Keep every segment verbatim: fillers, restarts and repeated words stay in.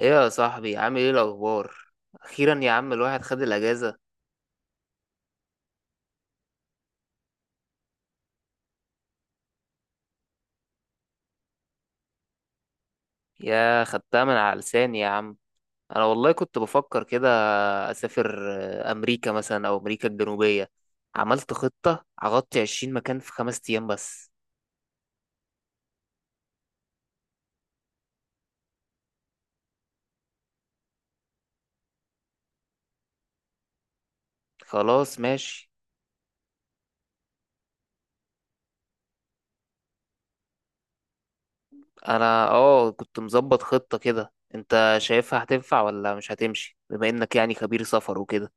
ايه يا صاحبي، عامل ايه الاخبار؟ اخيرا يا عم الواحد خد الاجازه. يا خدتها من على لساني يا عم. انا والله كنت بفكر كده، اسافر آه، امريكا مثلا او امريكا الجنوبيه. عملت خطه هغطي عشرين مكان في خمس ايام بس. خلاص ماشي. انا اه كنت مظبط خطه كده، انت شايفها هتنفع ولا مش هتمشي بما انك يعني خبير سفر وكده؟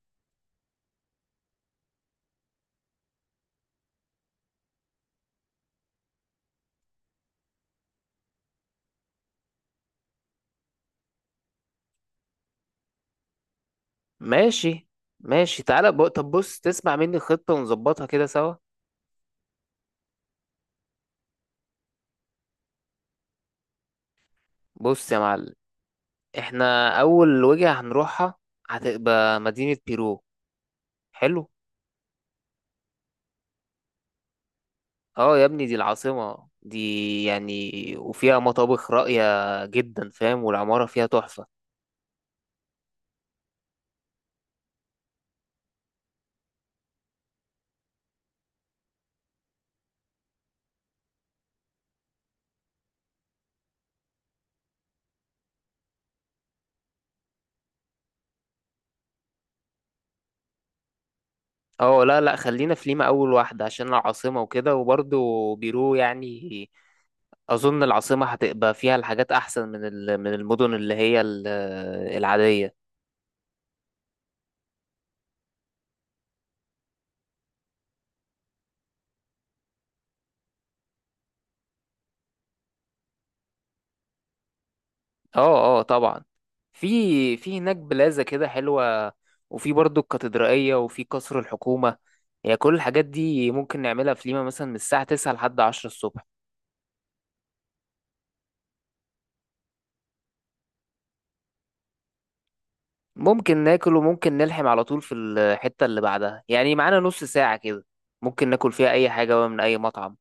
ماشي ماشي، تعالى بق... طب بص، تسمع مني الخطه ونظبطها كده سوا. بص يا معلم، احنا اول وجهة هنروحها هتبقى مدينة بيرو. حلو. اه يا ابني دي العاصمة دي يعني، وفيها مطابخ راقية جدا فاهم، والعمارة فيها تحفة. اه، لا لا، خلينا في ليما اول واحدة عشان العاصمة وكده، وبرضو بيرو يعني اظن العاصمة هتبقى فيها الحاجات احسن من ال- من المدن اللي هي ال- العادية. اه اه، طبعا. في في هناك بلازا كده حلوة، وفي برضو الكاتدرائية، وفي قصر الحكومة. يعني كل الحاجات دي ممكن نعملها في ليما مثلا من الساعة تسعة لحد عشرة الصبح. ممكن ناكل وممكن نلحم على طول في الحتة اللي بعدها، يعني معانا نص ساعة كده، ممكن ناكل فيها أي حاجة بقى من أي مطعم.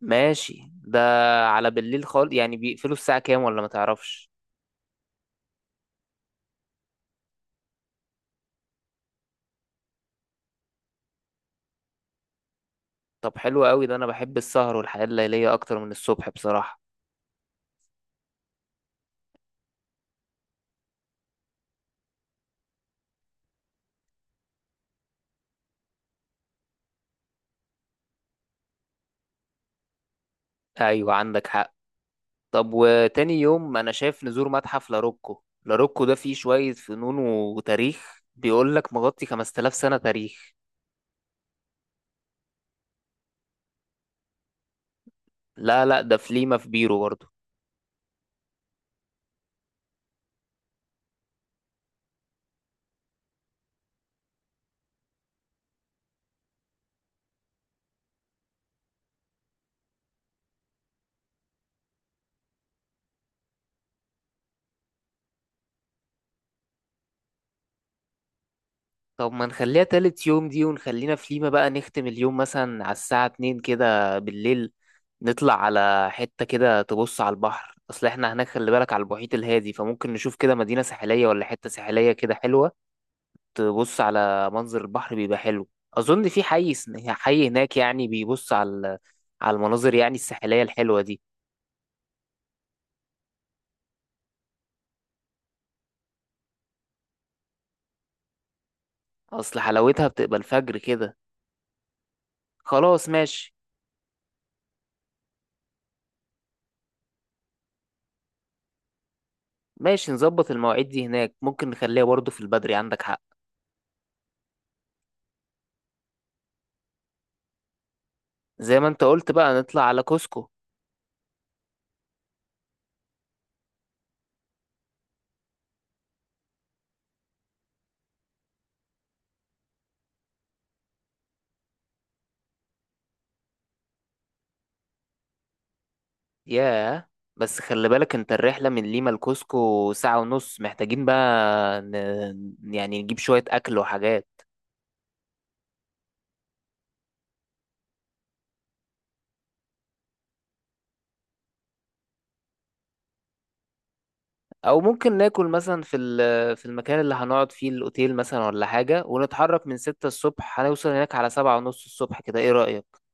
ماشي. ده على بالليل خالص، يعني بيقفلوا الساعة كام ولا ما تعرفش؟ طب حلو قوي ده، أنا بحب السهر والحياة الليلية أكتر من الصبح بصراحة. أيوة، عندك حق. طب وتاني يوم انا شايف نزور متحف لاروكو، لاروكو ده فيه شوية فنون وتاريخ، بيقول لك مغطي خمس آلاف سنة تاريخ. لا لا، ده في ليما في بيرو برضه. طب ما نخليها تالت يوم دي، ونخلينا في ليما، بقى نختم اليوم مثلا على الساعة اتنين كده بالليل. نطلع على حتة كده تبص على البحر، اصل احنا هناك خلي بالك على المحيط الهادي، فممكن نشوف كده مدينة ساحلية ولا حتة ساحلية كده حلوة. تبص على منظر البحر بيبقى حلو، اظن في حي سن- حي هناك يعني بيبص على ال- على المناظر يعني الساحلية الحلوة دي. اصل حلاوتها بتبقى الفجر كده. خلاص ماشي. ماشي، نظبط المواعيد دي هناك، ممكن نخليها برضه في البدري، عندك حق. زي ما انت قلت بقى نطلع على كوسكو. ياه. بس خلي بالك انت، الرحلة من ليما لكوسكو ساعة ونص محتاجين بقى، ن... يعني نجيب شوية أكل وحاجات. او ممكن ناكل مثلا في ال- في المكان اللي هنقعد فيه الاوتيل مثلا ولا حاجه، ونتحرك من ستة الصبح، هنوصل هناك على سبعة ونص الصبح كده، ايه رايك؟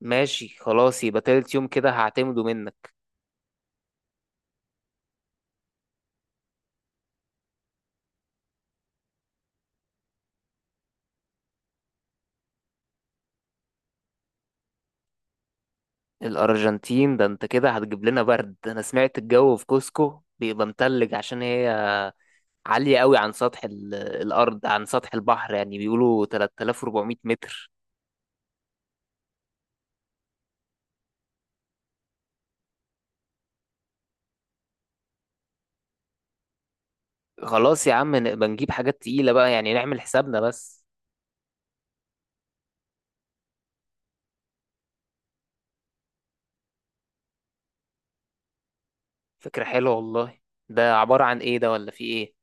ماشي، خلاص يبقى تالت يوم كده هعتمده منك. الارجنتين ده انت كده هتجيب لنا برد، انا سمعت الجو في كوسكو بيبقى متلج عشان هي عاليه قوي عن سطح ال- الارض، عن سطح البحر، يعني بيقولوا تلاتة آلاف واربعمية متر. خلاص يا عم نبقى نجيب حاجات تقيله بقى، يعني نعمل حسابنا بس. فكره حلوه والله. ده عباره عن ايه ده، ولا في ايه؟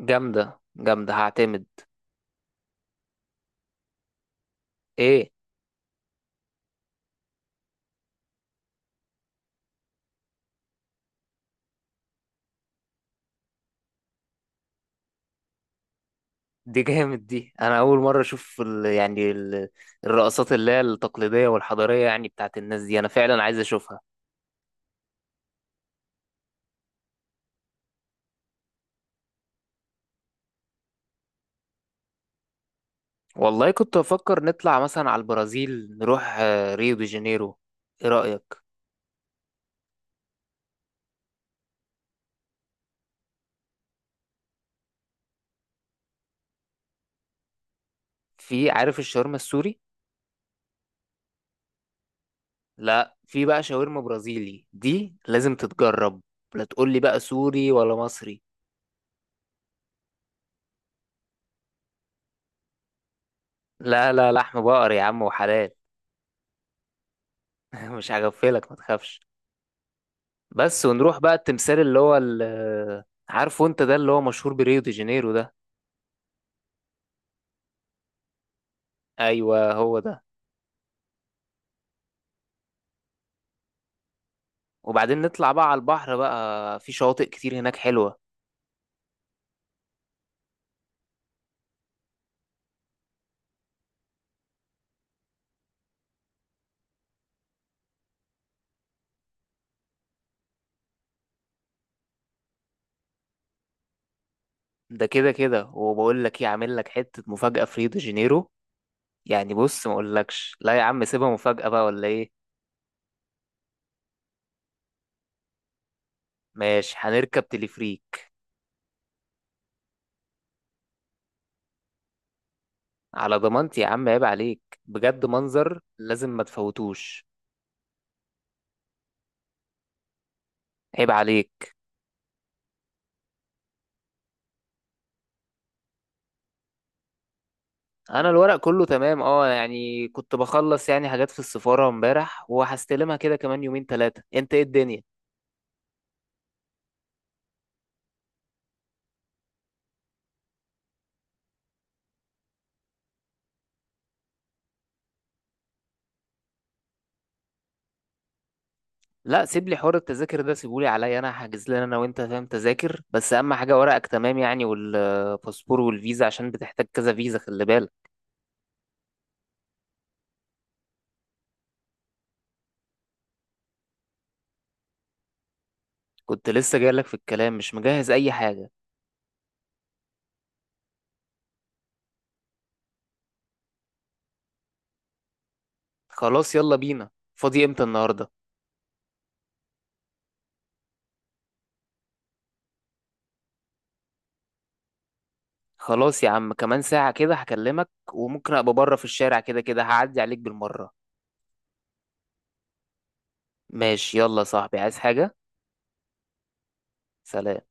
جامدة جامدة، هعتمد. ايه؟ دي جامد دي، انا اول مرة اشوف ال... يعني ال... الرقصات اللي هي التقليدية والحضارية يعني بتاعت الناس دي، انا فعلا عايز اشوفها. والله كنت بفكر نطلع مثلا على البرازيل، نروح آه، ريو دي جانيرو، ايه رأيك؟ في عارف الشاورما السوري. لا، في بقى شاورما برازيلي، دي لازم تتجرب. لا تقول لي بقى سوري ولا مصري. لا لا لحم بقر يا عم وحلال. مش هغفلك ما تخافش. بس ونروح بقى التمثال اللي هو ال- عارفه انت ده، اللي هو مشهور بريو دي جانيرو ده. ايوه هو ده. وبعدين نطلع بقى على البحر، بقى في شواطئ كتير هناك حلوة. ده كده كده، وبقول لك ايه، عامل لك حتة مفاجأة في ريو دي جانيرو. يعني بص، ما اقولكش، لا يا عم سيبها مفاجأة بقى، ولا ايه؟ ماشي، هنركب تليفريك. على ضمانتي يا عم، عيب عليك بجد، منظر لازم ما تفوتوش. عيب عليك. انا الورق كله تمام، اه يعني كنت بخلص يعني حاجات في السفارة امبارح، وهستلمها كده كمان يومين ثلاثة. انت ايه الدنيا؟ لا سيب لي حوار التذاكر ده، سيبولي عليا، انا هحجز لنا انا وانت فاهم تذاكر، بس اهم حاجة ورقك تمام يعني، والباسبور والفيزا عشان بتحتاج كذا فيزا خلي بالك. كنت لسه جايلك في الكلام، مش مجهز اي حاجة. خلاص يلا بينا. فاضي امتى النهاردة؟ خلاص يا عم، كمان ساعة كده هكلمك، وممكن ابقى بره في الشارع كده كده هعدي عليك بالمرة. ماشي، يلا يا صاحبي، عايز حاجة؟ سلام.